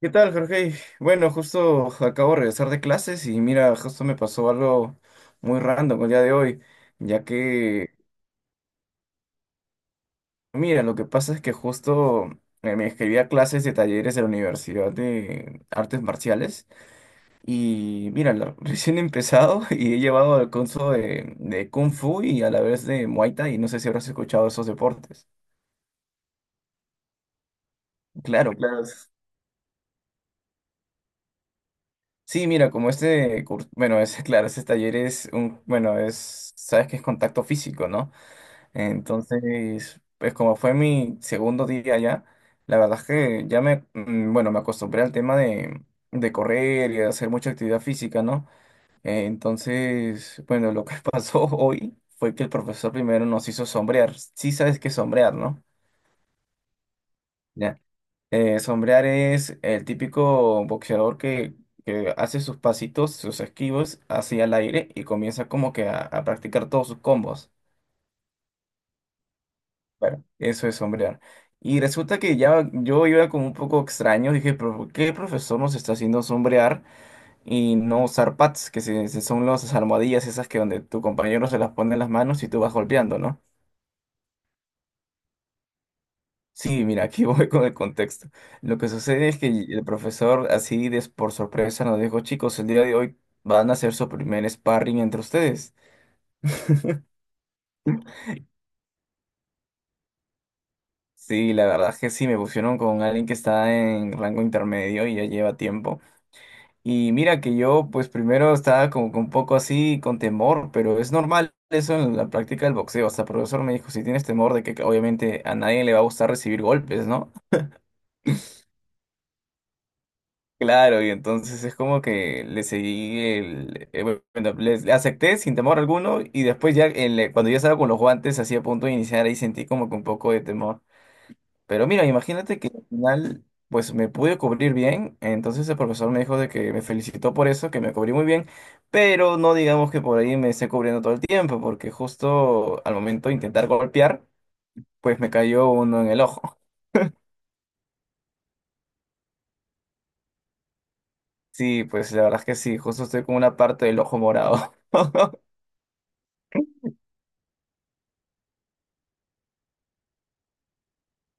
¿Qué tal, Jorge? Bueno, justo acabo de regresar de clases y mira, justo me pasó algo muy random el día de hoy, ya que, mira, lo que pasa es que justo me inscribí a clases de talleres de la Universidad de Artes Marciales y mira, recién he empezado y he llevado al curso de Kung Fu y a la vez de Muay Thai y no sé si habrás escuchado esos deportes. Claro, claro. Sí, mira, como este curso, bueno, es claro, ese taller es un, bueno, es, sabes que es contacto físico, ¿no? Entonces, pues como fue mi segundo día allá, la verdad es que ya me, bueno, me acostumbré al tema de correr y de hacer mucha actividad física, ¿no? Entonces, bueno, lo que pasó hoy fue que el profesor primero nos hizo sombrear. Sí sabes qué es sombrear, ¿no? Ya. Sombrear es el típico boxeador que hace sus pasitos, sus esquivos hacia el aire y comienza como que a practicar todos sus combos. Claro, eso es sombrear. Y resulta que ya yo iba como un poco extraño, dije, pero ¿por ¿qué el profesor nos está haciendo sombrear y no usar pads, que son las almohadillas esas que donde tu compañero se las pone en las manos y tú vas golpeando, ¿no? Sí, mira, aquí voy con el contexto. Lo que sucede es que el profesor así de, por sorpresa nos dijo, chicos, el día de hoy van a hacer su primer sparring entre ustedes. Sí, la verdad es que sí, me pusieron con alguien que está en rango intermedio y ya lleva tiempo. Y mira que yo, pues primero estaba como que un poco así con temor, pero es normal eso en la práctica del boxeo. Hasta el profesor me dijo, si tienes temor de que obviamente a nadie le va a gustar recibir golpes, ¿no? Claro, y entonces es como que le seguí el, bueno, le acepté sin temor alguno y después ya cuando ya estaba con los guantes así a punto de iniciar ahí sentí como que un poco de temor. Pero mira, imagínate que al final, pues me pude cubrir bien. Entonces el profesor me dijo de que me felicitó por eso, que me cubrí muy bien. Pero no digamos que por ahí me esté cubriendo todo el tiempo, porque justo al momento de intentar golpear, pues me cayó uno en el ojo. Sí, pues la verdad es que sí, justo estoy con una parte del ojo morado.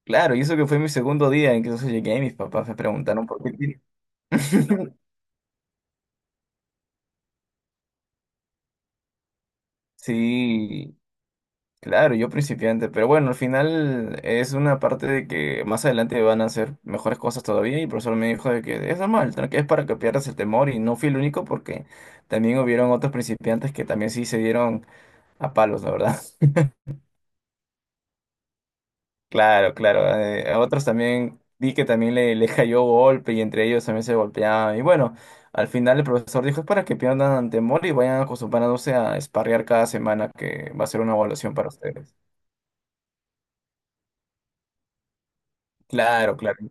Claro, y eso que fue mi segundo día, incluso llegué y mis papás me preguntaron por qué. Sí, claro, yo principiante, pero bueno, al final es una parte de que más adelante van a hacer mejores cosas todavía y el profesor me dijo de que es normal, que es para que pierdas el temor y no fui el único porque también hubieron otros principiantes que también sí se dieron a palos, la verdad. Claro, claro, a otros también vi que también le cayó golpe y entre ellos también se golpeaban y bueno, al final el profesor dijo es para que pierdan temor y vayan acostumbrándose a sparrear cada semana que va a ser una evaluación para ustedes. Claro, claro.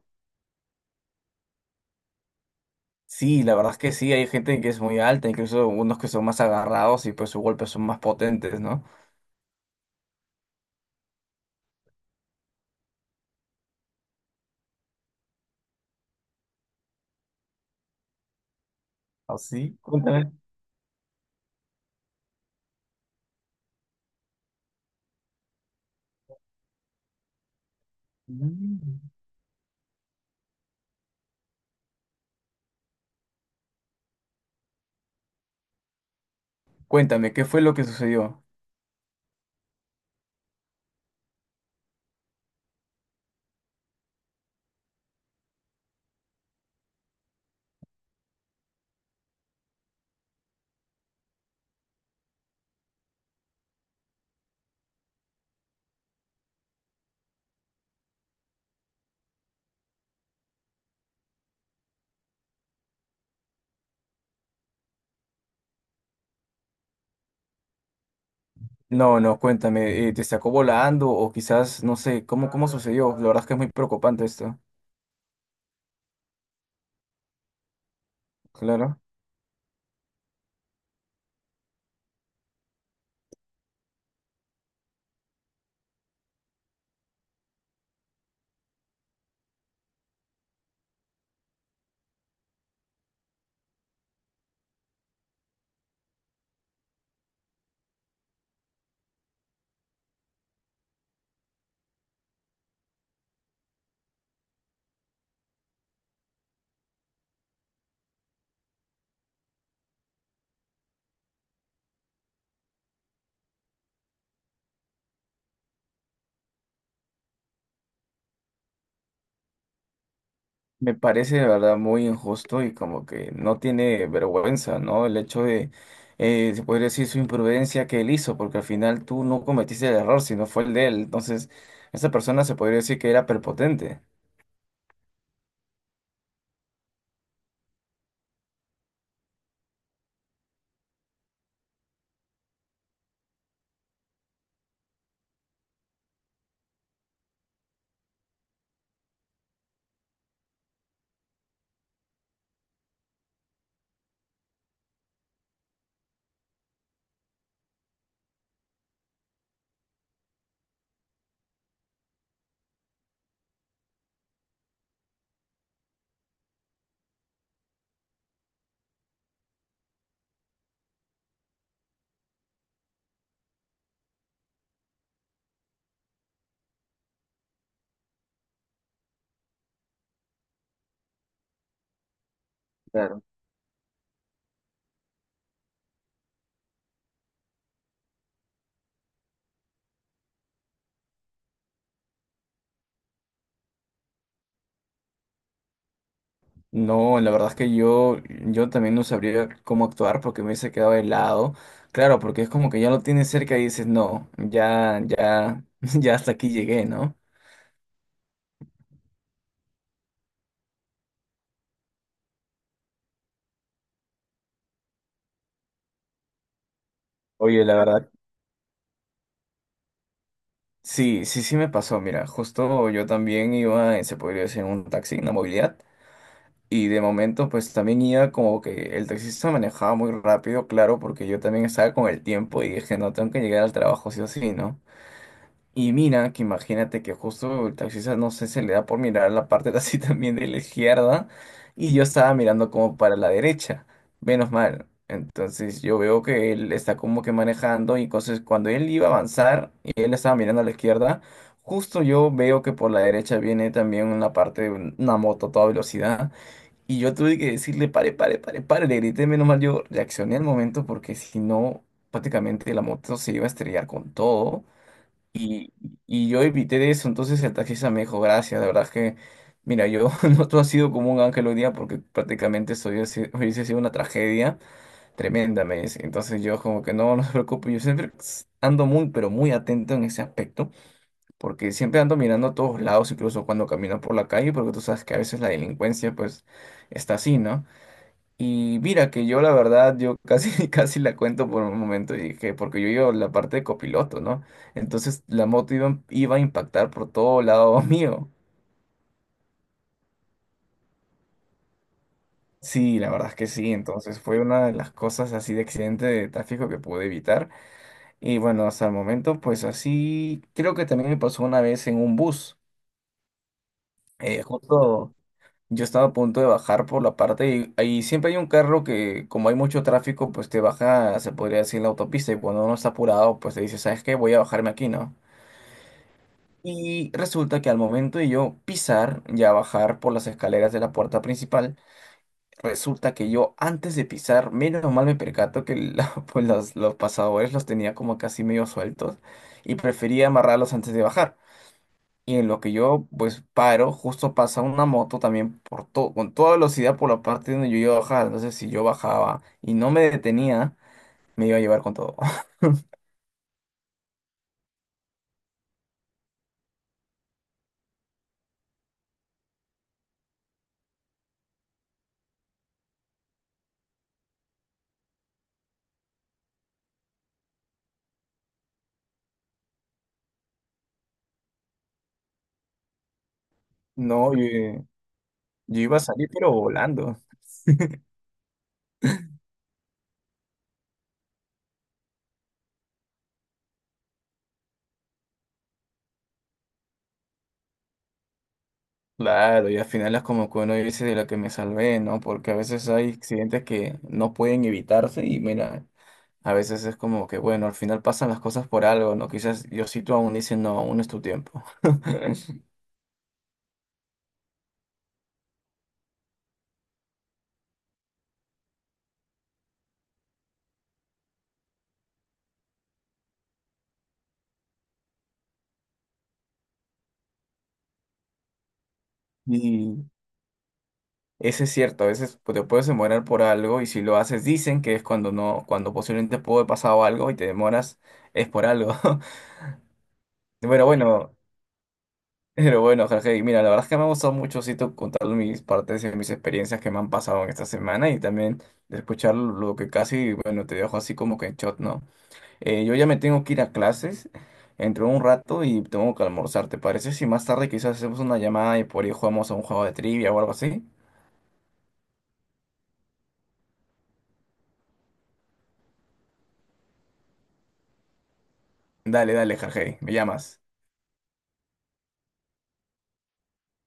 Sí, la verdad es que sí, hay gente que es muy alta, incluso unos que son más agarrados y pues sus golpes son más potentes, ¿no? ¿Así? Cuéntame. Mm. Cuéntame, ¿qué fue lo que sucedió? No, no, cuéntame, ¿te sacó volando o quizás, no sé, cómo, cómo sucedió? La verdad es que es muy preocupante esto. Claro. Me parece de verdad muy injusto y como que no tiene vergüenza, ¿no? El hecho de, se podría decir, su imprudencia que él hizo, porque al final tú no cometiste el error, sino fue el de él. Entonces, esa persona se podría decir que era prepotente. Claro. No, la verdad es que yo también no sabría cómo actuar porque me hubiese quedado helado. Claro, porque es como que ya lo tienes cerca y dices, no, ya, ya, ya hasta aquí llegué, ¿no? Oye, la verdad sí, sí, sí me pasó. Mira, justo yo también iba, se podría decir, en un taxi, en la movilidad. Y de momento, pues también iba como que el taxista manejaba muy rápido, claro, porque yo también estaba con el tiempo y dije, no, tengo que llegar al trabajo sí o sí, ¿no? Y mira, que imagínate que justo el taxista, no sé, se le da por mirar la parte de así también de la izquierda y yo estaba mirando como para la derecha, menos mal. Entonces yo veo que él está como que manejando y entonces cuando él iba a avanzar y él estaba mirando a la izquierda, justo yo veo que por la derecha viene también una parte de una moto a toda velocidad y yo tuve que decirle, pare, pare, pare, pare, le grité, menos mal yo reaccioné al momento porque si no, prácticamente la moto se iba a estrellar con todo. Y, y yo evité de eso, entonces el taxista me dijo, gracias, de verdad es que, mira, yo no, tú has sido como un ángel hoy día porque prácticamente esto hubiese sido una tragedia tremenda, me dice. Entonces yo como que no, no se preocupe, yo siempre ando muy, pero muy atento en ese aspecto, porque siempre ando mirando a todos lados, incluso cuando camino por la calle, porque tú sabes que a veces la delincuencia pues está así, ¿no? Y mira que yo la verdad, yo casi, casi la cuento por un momento y dije, porque yo iba en la parte de copiloto, ¿no? Entonces la moto iba, iba a impactar por todo lado mío. Sí, la verdad es que sí. Entonces fue una de las cosas así de accidente de tráfico que pude evitar. Y bueno, hasta el momento, pues así, creo que también me pasó una vez en un bus. Justo. Yo estaba a punto de bajar por la parte y ahí siempre hay un carro que, como hay mucho tráfico, pues te baja, se podría decir, la autopista y cuando uno está apurado, pues te dice, ¿sabes qué? Voy a bajarme aquí, ¿no? Y resulta que al momento de yo pisar, ya bajar por las escaleras de la puerta principal, resulta que yo antes de pisar, menos mal me percato que pues los pasadores los tenía como casi medio sueltos y prefería amarrarlos antes de bajar. Y en lo que yo pues paro, justo pasa una moto también por todo, con toda velocidad por la parte donde yo iba a bajar. Entonces si yo bajaba y no me detenía, me iba a llevar con todo. No, yo iba a salir pero volando. Claro, y al final es como que uno dice de la que me salvé, ¿no? Porque a veces hay accidentes que no pueden evitarse y mira, a veces es como que bueno, al final pasan las cosas por algo, ¿no? Quizás Diosito aún dice, no, aún es tu tiempo. Y eso es cierto, a veces te puedes demorar por algo y si lo haces dicen que es cuando no, cuando posiblemente pudo haber pasado algo y te demoras, es por algo. Bueno, bueno, pero bueno, Jorge, y mira, la verdad es que me ha gustado mucho sí, contar mis partes y mis experiencias que me han pasado en esta semana y también de escuchar lo que casi, bueno, te dejo así como que en shot, ¿no? Yo ya me tengo que ir a clases, entro un rato y tengo que almorzar, ¿te parece? Si más tarde quizás hacemos una llamada y por ahí jugamos a un juego de trivia o algo así. Dale, dale, Jorge, me llamas.